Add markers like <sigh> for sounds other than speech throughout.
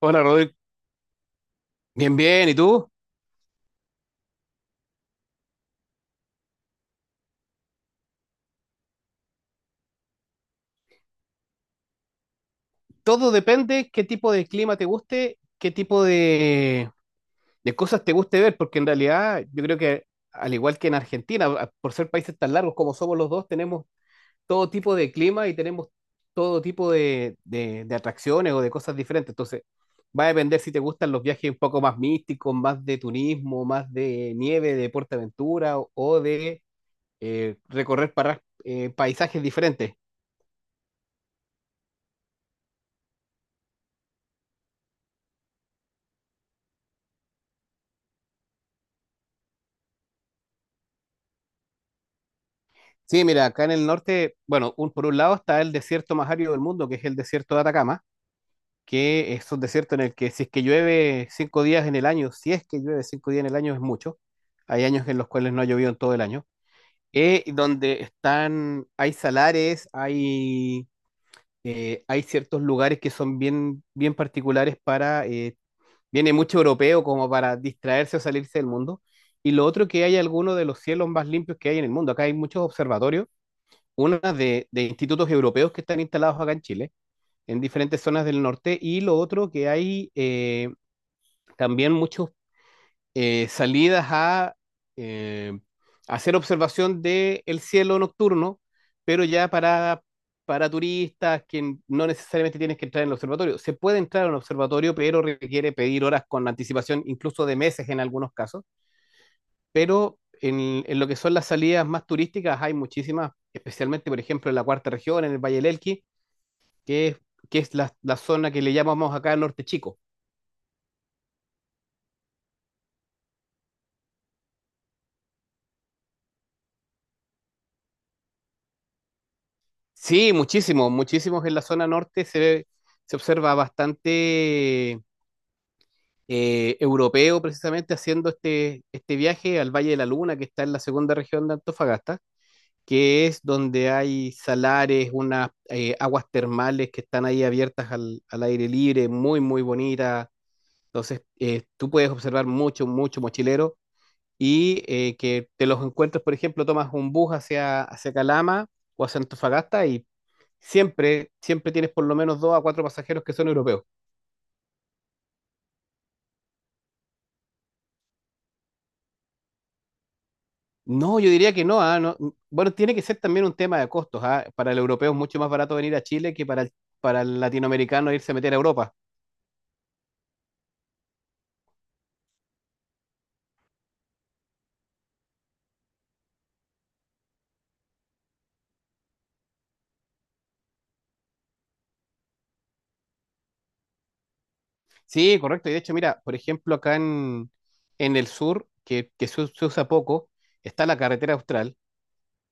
Hola, Rodrigo. Bien, bien. ¿Y tú? Todo depende qué tipo de clima te guste, qué tipo de cosas te guste ver, porque en realidad yo creo que al igual que en Argentina, por ser países tan largos como somos los dos, tenemos todo tipo de clima y tenemos todo tipo de atracciones o de cosas diferentes. Entonces, va a depender si te gustan los viajes un poco más místicos, más de turismo, más de nieve, de PortAventura o de recorrer para, paisajes diferentes. Sí, mira, acá en el norte, bueno, por un lado está el desierto más árido del mundo, que es el desierto de Atacama, que es un desierto en el que si es que llueve cinco días en el año, si es que llueve cinco días en el año es mucho. Hay años en los cuales no ha llovido en todo el año. Y donde están, hay salares, hay ciertos lugares que son bien, bien particulares para, viene mucho europeo como para distraerse o salirse del mundo. Y lo otro que hay algunos de los cielos más limpios que hay en el mundo. Acá hay muchos observatorios una de institutos europeos que están instalados acá en Chile, en diferentes zonas del norte, y lo otro que hay también muchas salidas a eh, hacer observación del cielo nocturno, pero ya para turistas que no necesariamente tienes que entrar en el observatorio. Se puede entrar en un observatorio, pero requiere pedir horas con anticipación, incluso de meses en algunos casos, pero en lo que son las salidas más turísticas hay muchísimas, especialmente, por ejemplo, en la cuarta región, en el Valle del Elqui, que es, que es la, la zona que le llamamos acá Norte Chico. Sí, muchísimos, muchísimos en la zona norte se observa bastante europeo precisamente haciendo este, este viaje al Valle de la Luna, que está en la segunda región de Antofagasta, que es donde hay salares, unas aguas termales que están ahí abiertas al, al aire libre, muy, muy bonitas. Entonces, tú puedes observar mucho, mucho mochilero y que te los encuentres, por ejemplo, tomas un bus hacia, hacia Calama o hacia Antofagasta y siempre, siempre tienes por lo menos dos a cuatro pasajeros que son europeos. No, yo diría que no, ah, no. Bueno, tiene que ser también un tema de costos, ah. Para el europeo es mucho más barato venir a Chile que para el latinoamericano irse a meter a Europa. Sí, correcto. Y de hecho, mira, por ejemplo, acá en el sur, que se usa poco, está la carretera austral,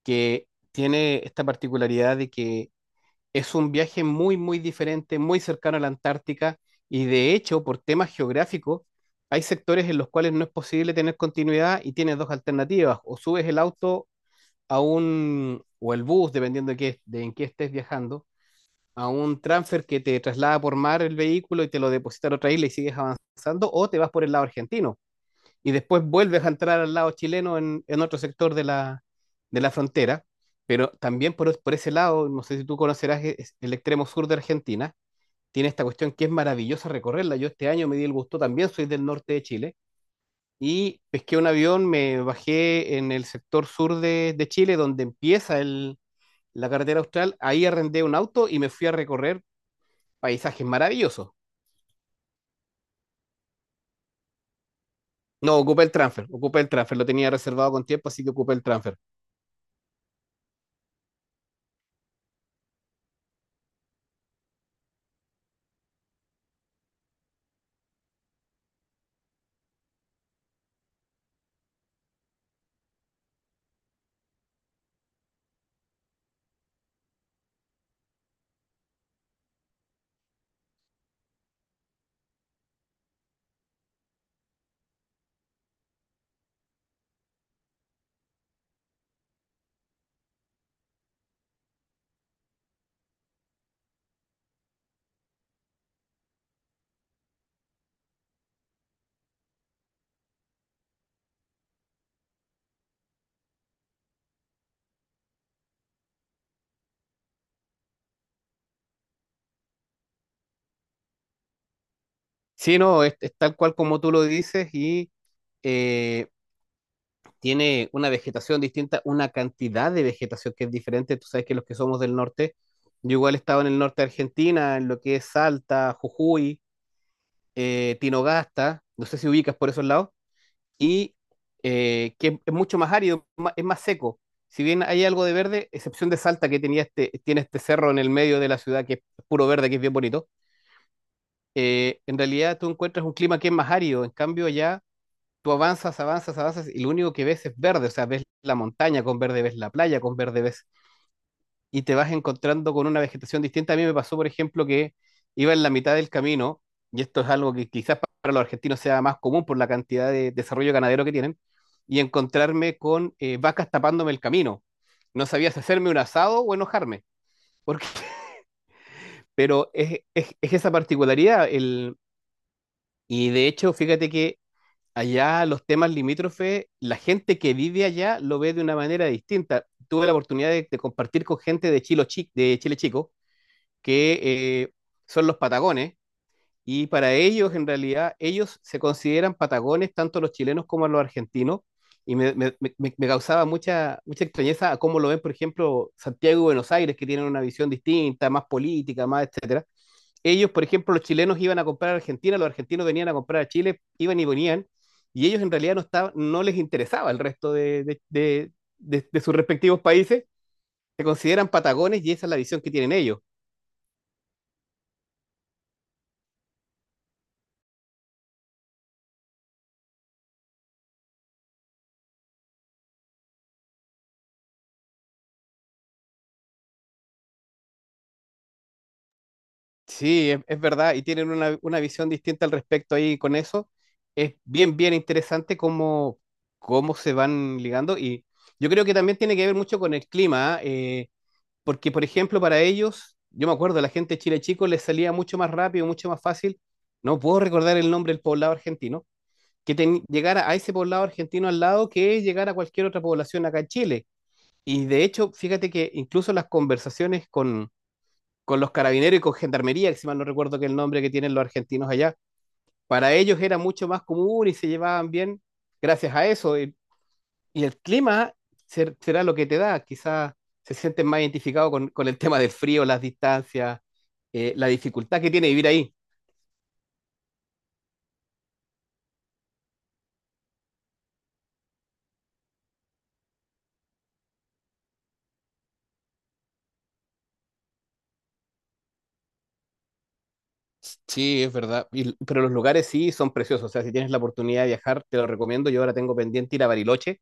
que tiene esta particularidad de que es un viaje muy, muy diferente, muy cercano a la Antártica y de hecho, por temas geográficos, hay sectores en los cuales no es posible tener continuidad y tienes dos alternativas, o subes el auto a un, o el bus, dependiendo de, de en qué estés viajando, a un transfer que te traslada por mar el vehículo y te lo deposita en otra isla y sigues avanzando, o te vas por el lado argentino y después vuelves a entrar al lado chileno en otro sector de la frontera, pero también por ese lado, no sé si tú conocerás el extremo sur de Argentina, tiene esta cuestión que es maravillosa recorrerla. Yo este año me di el gusto, también soy del norte de Chile, y pesqué un avión, me bajé en el sector sur de Chile, donde empieza la carretera austral, ahí arrendé un auto y me fui a recorrer paisajes maravillosos. No, ocupé el transfer, lo tenía reservado con tiempo, así que ocupé el transfer. Sí, no, es tal cual como tú lo dices y eh, tiene una vegetación distinta, una cantidad de vegetación que es diferente. Tú sabes que los que somos del norte, yo igual he estado en el norte de Argentina, en lo que es Salta, Jujuy, Tinogasta, no sé si ubicas por esos lados, y que es mucho más árido, es más seco. Si bien hay algo de verde, excepción de Salta que tenía este, tiene este cerro en el medio de la ciudad que es puro verde, que es bien bonito, en realidad tú encuentras un clima que es más árido, en cambio allá tú avanzas, avanzas, avanzas y lo único que ves es verde, o sea, ves la montaña con verde, ves la playa con verde, ves y te vas encontrando con una vegetación distinta. A mí me pasó, por ejemplo, que iba en la mitad del camino, y esto es algo que quizás para los argentinos sea más común por la cantidad de desarrollo ganadero que tienen, y encontrarme con vacas tapándome el camino. No sabía si hacerme un asado o enojarme, porque, <laughs> pero es esa particularidad. El, y de hecho, fíjate que allá los temas limítrofes, la gente que vive allá lo ve de una manera distinta. Tuve la oportunidad de compartir con gente de Chile, de Chile Chico, que eh, son los patagones, y para ellos, en realidad, ellos se consideran patagones, tanto los chilenos como los argentinos, y me causaba mucha, mucha extrañeza a cómo lo ven, por ejemplo, Santiago y Buenos Aires, que tienen una visión distinta, más política, más etcétera. Ellos, por ejemplo, los chilenos iban a comprar a Argentina, los argentinos venían a comprar a Chile, iban y venían, y ellos en realidad no, estaban, no les interesaba el resto de sus respectivos países, se consideran patagones y esa es la visión que tienen ellos. Sí, es verdad, y tienen una visión distinta al respecto ahí con eso. Es bien, bien interesante cómo, cómo se van ligando y yo creo que también tiene que ver mucho con el clima. ¿Ah? Porque, por ejemplo, para ellos, yo me acuerdo, la gente de Chile Chico les salía mucho más rápido, mucho más fácil, no puedo recordar el nombre del poblado argentino, que llegara a ese poblado argentino al lado que llegar a cualquier otra población acá en Chile. Y de hecho, fíjate que incluso las conversaciones con los carabineros y con gendarmería, que si mal no recuerdo que el nombre que tienen los argentinos allá, para ellos era mucho más común y se llevaban bien gracias a eso. Y el clima será lo que te da. Quizás se sienten más identificados con el tema del frío, las distancias, la dificultad que tiene vivir ahí. Sí, es verdad. Pero los lugares sí son preciosos. O sea, si tienes la oportunidad de viajar, te lo recomiendo. Yo ahora tengo pendiente ir a Bariloche.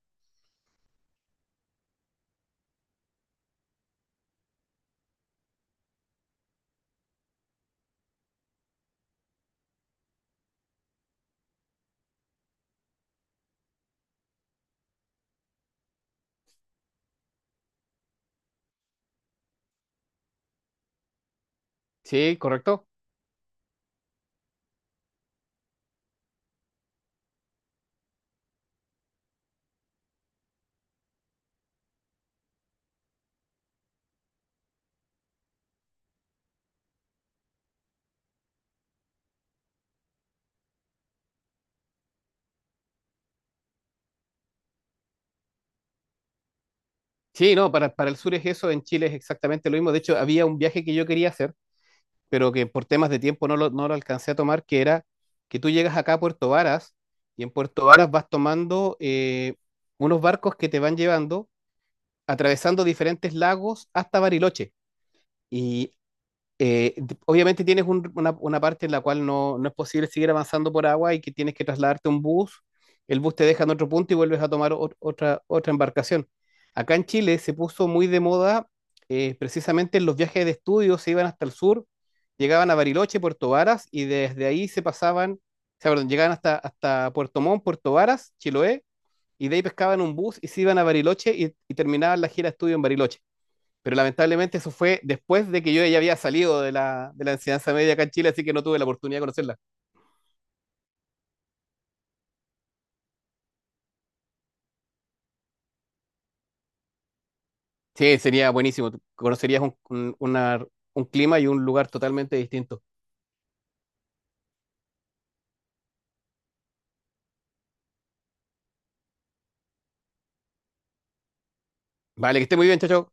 Sí, correcto. Sí, no, para el sur es eso. En Chile es exactamente lo mismo. De hecho, había un viaje que yo quería hacer, pero que por temas de tiempo no lo, no lo alcancé a tomar, que era que tú llegas acá a Puerto Varas y en Puerto Varas vas tomando unos barcos que te van llevando, atravesando diferentes lagos hasta Bariloche. Y obviamente tienes una parte en la cual no, no es posible seguir avanzando por agua y que tienes que trasladarte a un bus. El bus te deja en otro punto y vuelves a tomar otra, otra embarcación. Acá en Chile se puso muy de moda precisamente en los viajes de estudio, se iban hasta el sur, llegaban a Bariloche, Puerto Varas y desde ahí se pasaban, o sea, perdón, llegaban hasta, hasta Puerto Montt, Puerto Varas, Chiloé y de ahí pescaban un bus y se iban a Bariloche y terminaban la gira de estudio en Bariloche, pero lamentablemente eso fue después de que yo ya había salido de la enseñanza media acá en Chile, así que no tuve la oportunidad de conocerla. Sí, sería buenísimo, conocerías un, una, un clima y un lugar totalmente distinto. Vale, que esté muy bien, chao, chao.